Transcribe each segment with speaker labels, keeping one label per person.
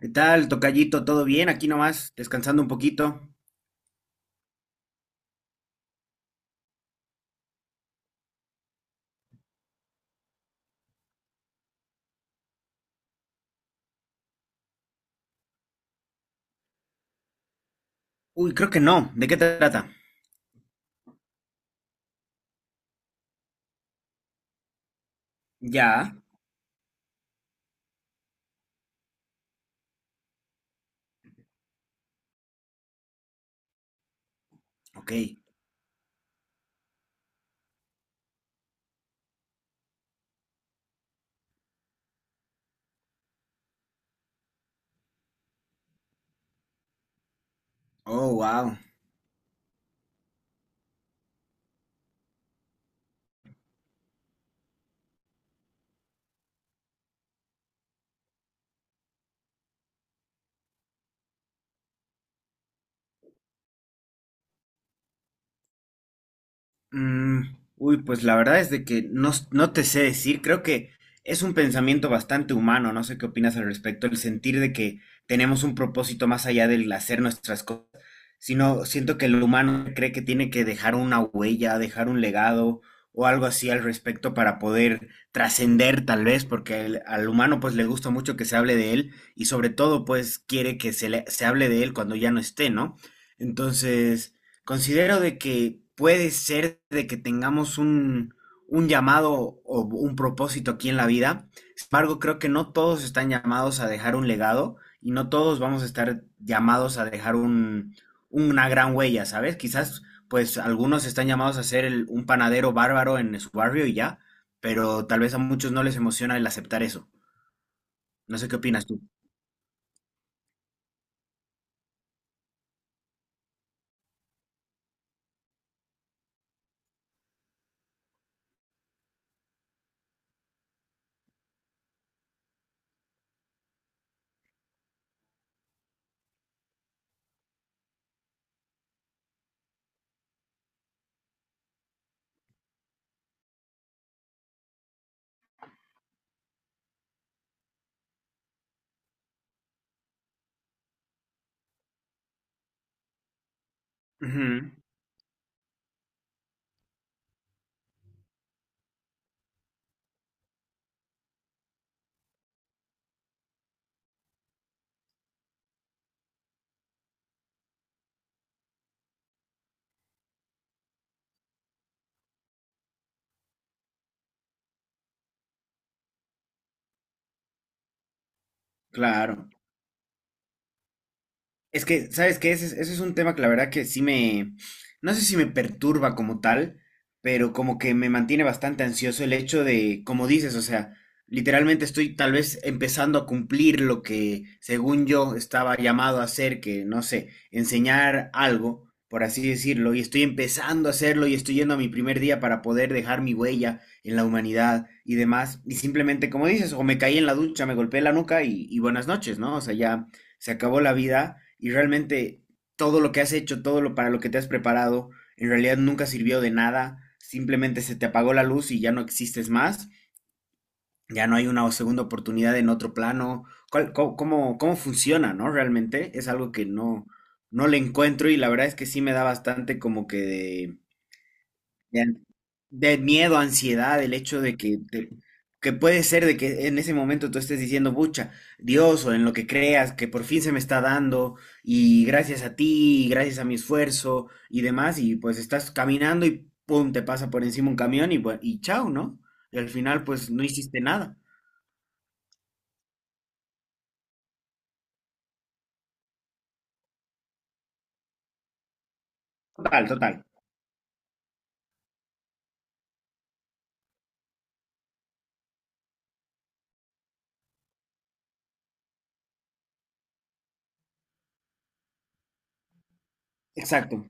Speaker 1: ¿Qué tal, tocallito? ¿Todo bien? Aquí nomás, descansando un poquito. Uy, creo que no. ¿De qué trata? Ya. Ok. Oh, wow. Pues la verdad es de que no, no te sé decir, creo que es un pensamiento bastante humano, no sé qué opinas al respecto, el sentir de que tenemos un propósito más allá del hacer nuestras cosas, sino siento que el humano cree que tiene que dejar una huella, dejar un legado o algo así al respecto para poder trascender tal vez, porque al humano pues le gusta mucho que se hable de él y sobre todo pues quiere que se, se hable de él cuando ya no esté, ¿no? Entonces... Considero de que puede ser de que tengamos un llamado o un propósito aquí en la vida. Sin embargo, creo que no todos están llamados a dejar un legado y no todos vamos a estar llamados a dejar una gran huella, ¿sabes? Quizás, pues, algunos están llamados a ser un panadero bárbaro en su barrio y ya, pero tal vez a muchos no les emociona el aceptar eso. No sé qué opinas tú. Ujú, claro. Es que, ¿sabes qué? Ese es un tema que la verdad que sí me, no sé si me perturba como tal, pero como que me mantiene bastante ansioso el hecho de, como dices, o sea, literalmente estoy tal vez empezando a cumplir lo que según yo estaba llamado a hacer, que no sé, enseñar algo, por así decirlo, y estoy empezando a hacerlo y estoy yendo a mi primer día para poder dejar mi huella en la humanidad y demás, y simplemente, como dices, o me caí en la ducha, me golpeé la nuca y buenas noches, ¿no? O sea, ya se acabó la vida y realmente todo lo que has hecho, todo lo para lo que te has preparado, en realidad nunca sirvió de nada, simplemente se te apagó la luz y ya no existes más, ya no hay una segunda oportunidad en otro plano. ¿Cómo, cómo funciona, no? Realmente es algo que no, no le encuentro y la verdad es que sí me da bastante como que de... Bien. De miedo, ansiedad, el hecho de que, que puede ser de que en ese momento tú estés diciendo, pucha, Dios o en lo que creas, que por fin se me está dando y gracias a ti, y gracias a mi esfuerzo y demás, y pues estás caminando y pum, te pasa por encima un camión y chao, ¿no? Y al final pues no hiciste nada. Total, total. Exacto.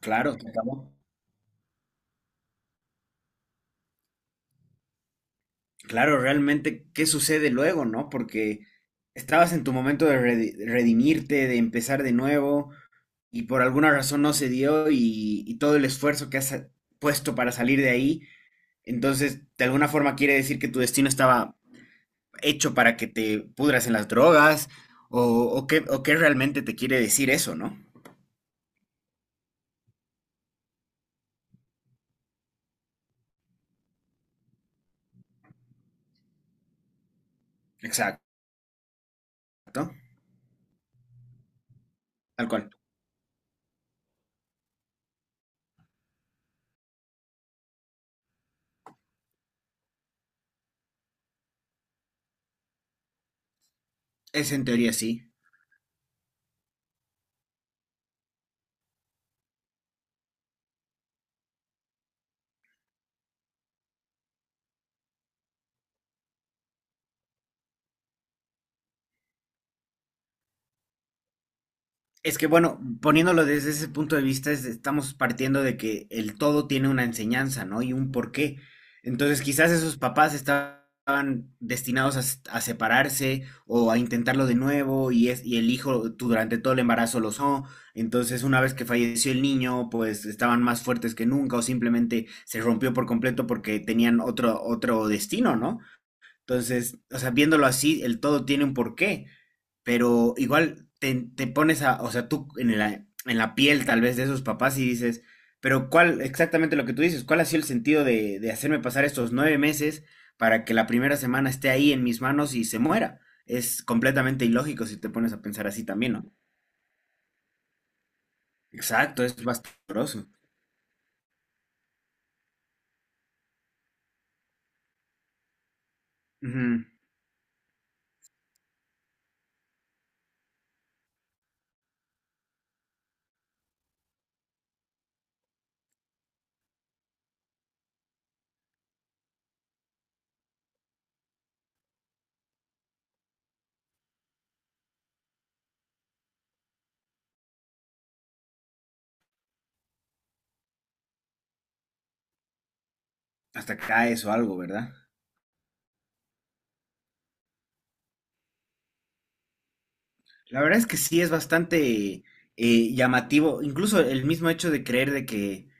Speaker 1: Claro, se acabó. Claro, realmente, ¿qué sucede luego, no? Porque estabas en tu momento de redimirte, de empezar de nuevo y por alguna razón no se dio y todo el esfuerzo que has puesto para salir de ahí, entonces de alguna forma quiere decir que tu destino estaba hecho para que te pudras en las drogas o qué realmente te quiere decir eso, ¿no? Exacto, tal cual. Es en teoría sí. Es que bueno, poniéndolo desde ese punto de vista, estamos partiendo de que el todo tiene una enseñanza, ¿no? Y un porqué. Entonces, quizás esos papás estaban destinados a, a separarse o a intentarlo de nuevo y, es, y el hijo durante todo el embarazo lo son. Entonces, una vez que falleció el niño, pues estaban más fuertes que nunca o simplemente se rompió por completo porque tenían otro, otro destino, ¿no? Entonces, o sea, viéndolo así, el todo tiene un porqué, pero igual te, te pones a, o sea, tú en la piel tal vez de esos papás y dices, pero ¿cuál, exactamente lo que tú dices, cuál ha sido el sentido de hacerme pasar estos 9 meses para que la primera semana esté ahí en mis manos y se muera? Es completamente ilógico si te pones a pensar así también, ¿no? Exacto, es bastante doloroso. Ujú. Hasta caes o algo, ¿verdad? La verdad es que sí es bastante llamativo, incluso el mismo hecho de creer de que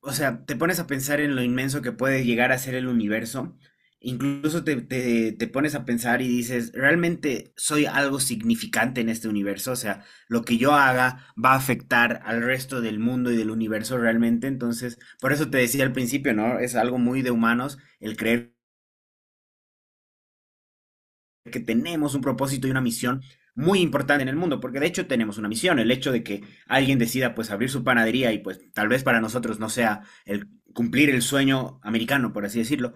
Speaker 1: o sea, te pones a pensar en lo inmenso que puede llegar a ser el universo. Incluso te, te, te pones a pensar y dices, ¿realmente soy algo significante en este universo? O sea, lo que yo haga va a afectar al resto del mundo y del universo realmente. Entonces, por eso te decía al principio, ¿no? Es algo muy de humanos el creer que tenemos un propósito y una misión muy importante en el mundo, porque de hecho tenemos una misión, el hecho de que alguien decida pues abrir su panadería y pues tal vez para nosotros no sea el cumplir el sueño americano, por así decirlo,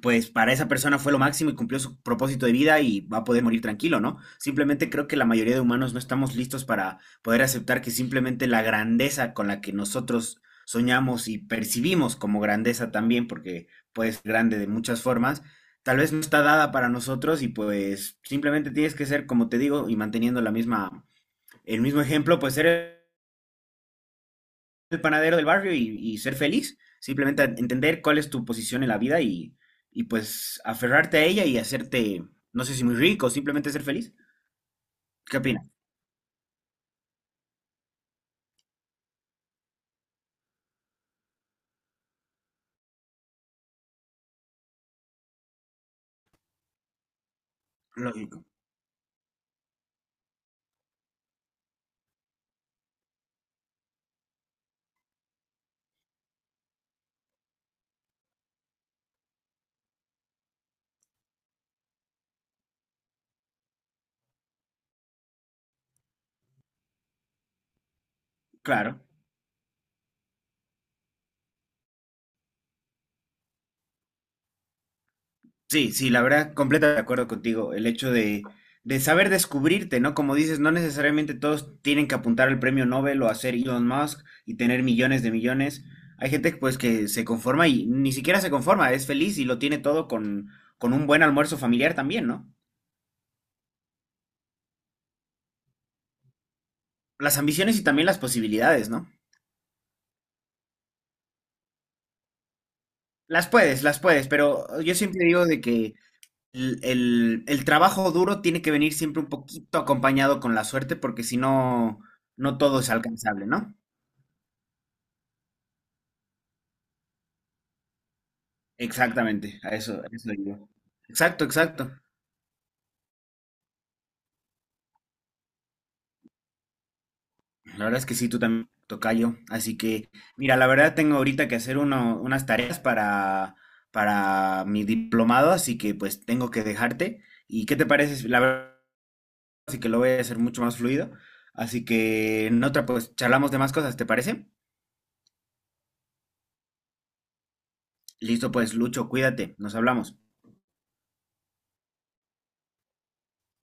Speaker 1: pues para esa persona fue lo máximo y cumplió su propósito de vida y va a poder morir tranquilo, ¿no? Simplemente creo que la mayoría de humanos no estamos listos para poder aceptar que simplemente la grandeza con la que nosotros soñamos y percibimos como grandeza también, porque puede ser grande de muchas formas, tal vez no está dada para nosotros y pues simplemente tienes que ser, como te digo, y manteniendo la misma, el mismo ejemplo, pues ser el panadero del barrio y ser feliz. Simplemente entender cuál es tu posición en la vida y pues aferrarte a ella y hacerte, no sé si muy rico, simplemente ser feliz. ¿Qué opinas? Lógico. Claro. Sí, sí, la verdad, completamente de acuerdo contigo. El hecho de saber descubrirte, ¿no? Como dices, no necesariamente todos tienen que apuntar al premio Nobel o hacer Elon Musk y tener millones de millones. Hay gente pues que se conforma y ni siquiera se conforma, es feliz y lo tiene todo con un buen almuerzo familiar también, ¿no? Las ambiciones y también las posibilidades, ¿no? Las puedes, pero yo siempre digo de que el trabajo duro tiene que venir siempre un poquito acompañado con la suerte, porque si no, no todo es alcanzable, ¿no? Exactamente, a eso digo. Exacto, exacto. La verdad es que sí, tú también, tocayo. Así que, mira, la verdad tengo ahorita que hacer unas tareas para mi diplomado, así que pues tengo que dejarte. ¿Y qué te parece? La verdad. Y que lo voy a hacer mucho más fluido. Así que en otra, pues charlamos de más cosas, ¿te parece? Listo, pues Lucho, cuídate, nos hablamos.